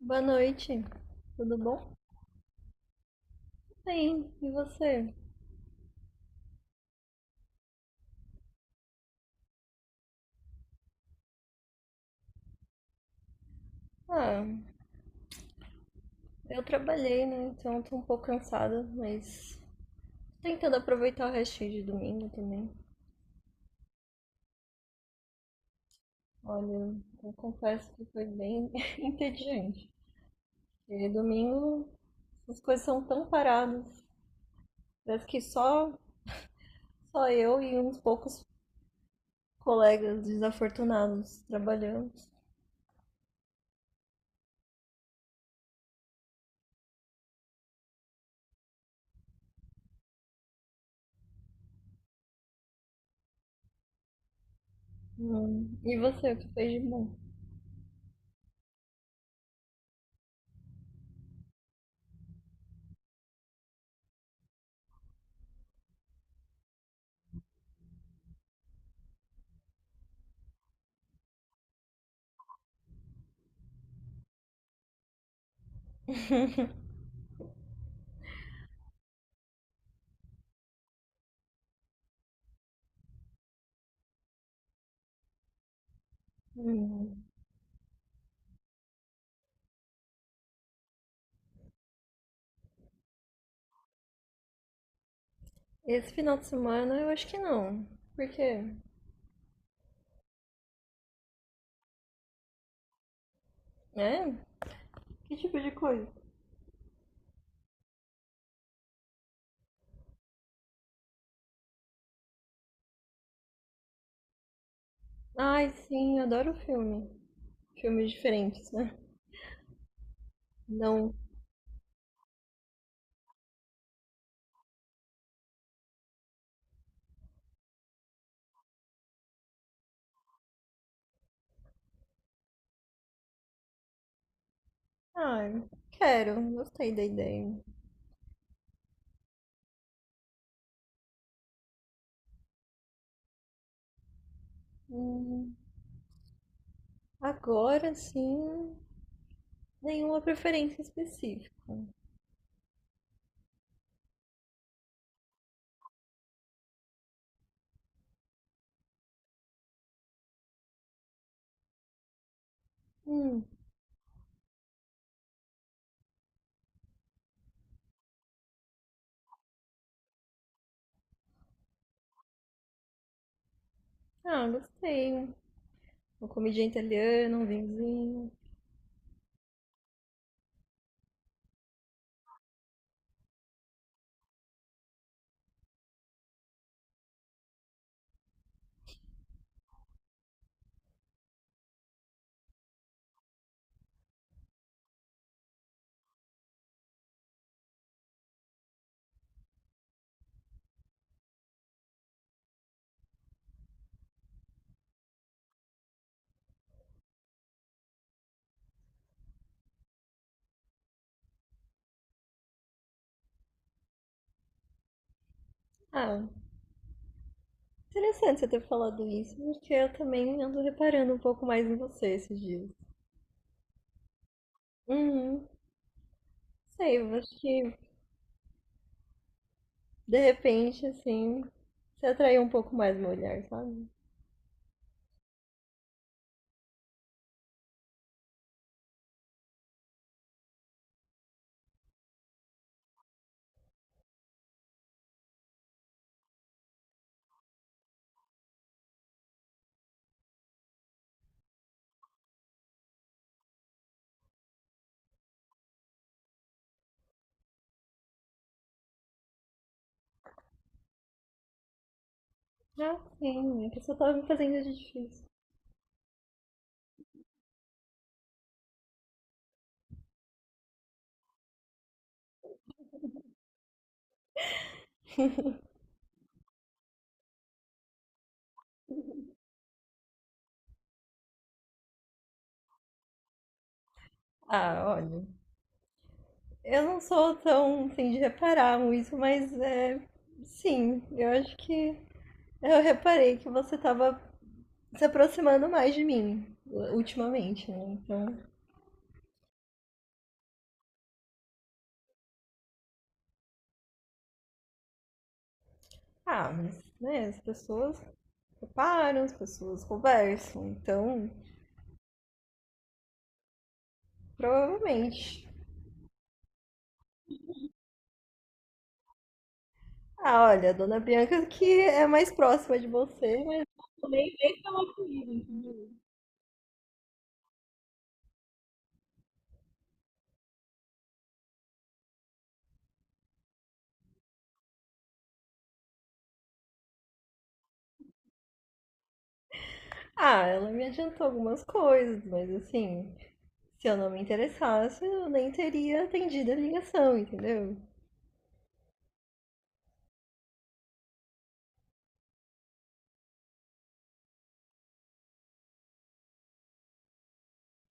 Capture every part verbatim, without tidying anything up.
Boa noite, tudo bom? Bem, e você? Ah, eu trabalhei, né? Então tô um pouco cansada, mas tô tentando aproveitar o restinho de domingo também. Olha, eu confesso que foi bem entediante. E domingo as coisas são tão paradas. Parece que só, só eu e uns poucos colegas desafortunados trabalhamos. Hum, E você, o que fez de bom? Hum. Esse final de semana eu acho que não. Por quê? É? Que tipo de coisa? Ai, sim, eu adoro filme. Filmes diferentes, né? Não. Ai, quero. Gostei da ideia. Hum, agora sim, nenhuma preferência específica. Hum, ah, gostei. Uma comidinha italiana, um vinhozinho. Ah, interessante você ter falado isso, porque eu também ando reparando um pouco mais em você esses dias. Uhum, sei, eu acho que de repente, assim, você atraiu um pouco mais uma mulher, sabe? Ah, sim, é que eu só tava me fazendo de difícil. Ah, olha, eu não sou tão, assim, de reparar muito, mas é, sim, eu acho que eu reparei que você tava se aproximando mais de mim ultimamente, né? Então, ah, mas, né, as pessoas reparam, as pessoas conversam, então, provavelmente. Ah, olha, a dona Bianca que é mais próxima de você, mas ah, ela me adiantou algumas coisas, mas assim, se eu não me interessasse, eu nem teria atendido a ligação, entendeu?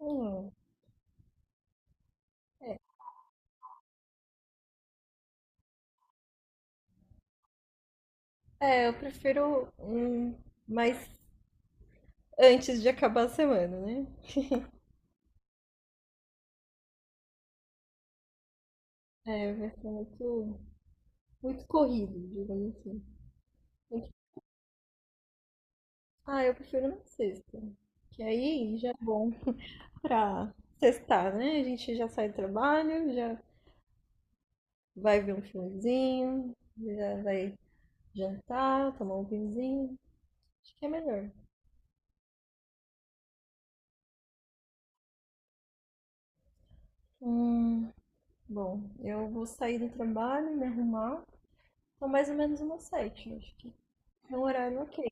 Hum, é. É, eu prefiro hum, mais antes de acabar a semana, né? É, vai ser muito, muito corrido, digamos assim. Muito- Ah, eu prefiro na sexta. Que aí já dá pra sextar, né? A gente já sai do trabalho, já vai ver um filmezinho, já vai jantar, tomar um vinhozinho. Acho que é melhor. Hum, bom, eu vou sair do trabalho, me arrumar. São mais ou menos umas sete, acho que é um horário ok.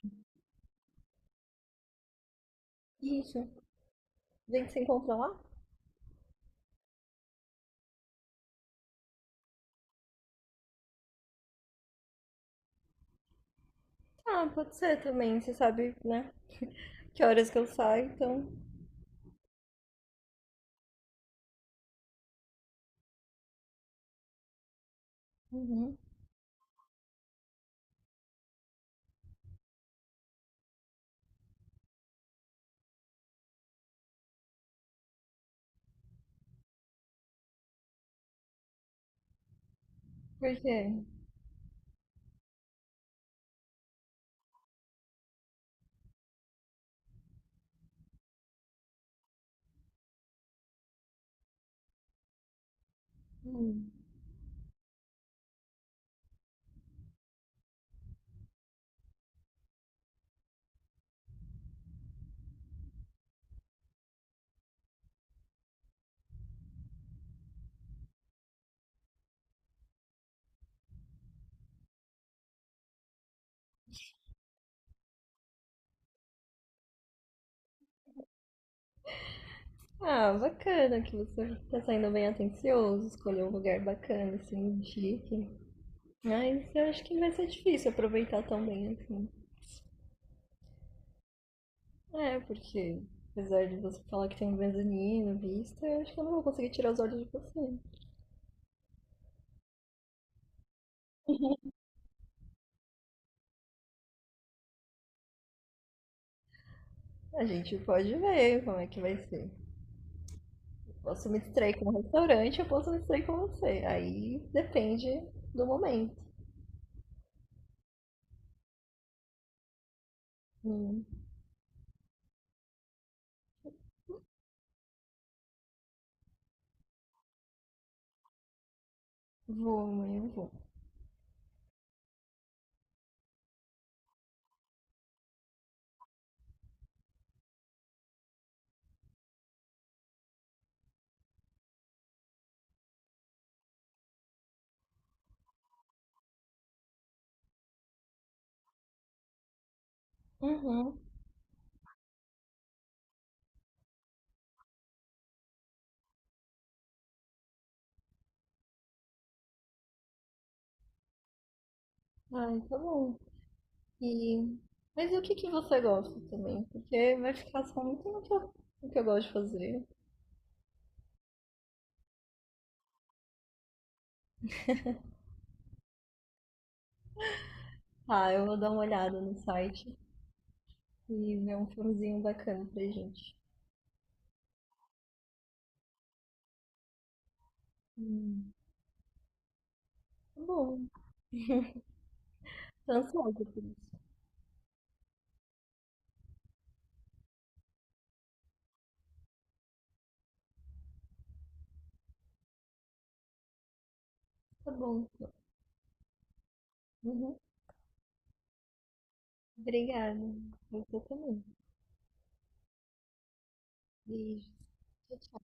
Isso. A gente se encontra lá? Ah, pode ser também, você sabe, né? Que horas que eu saio, então. Uhum. Por quê? Hum. Ah, bacana que você tá saindo bem atencioso, escolheu um lugar bacana, assim, chique. Mas eu acho que vai ser difícil aproveitar tão bem assim. É, porque apesar de você falar que tem um mezanino, vista, eu acho que eu não vou conseguir tirar os olhos de você. A gente pode ver como é que vai ser. Posso me distrair com o restaurante, eu posso me distrair com você. Aí depende do momento. Hum, vou, amanhã eu vou. Uhum. Ai, tá bom. E... mas e o que que você gosta também? Porque vai ficar só muito no que eu, no que eu gosto de fazer. Ah, eu vou dar uma olhada no site e ver um filmezinho bacana pra gente. Hum. Tá bom, tô ansiosa por isso. Tá bom. Uhum. Obrigada. Você também. Beijo. Tchau, tchau.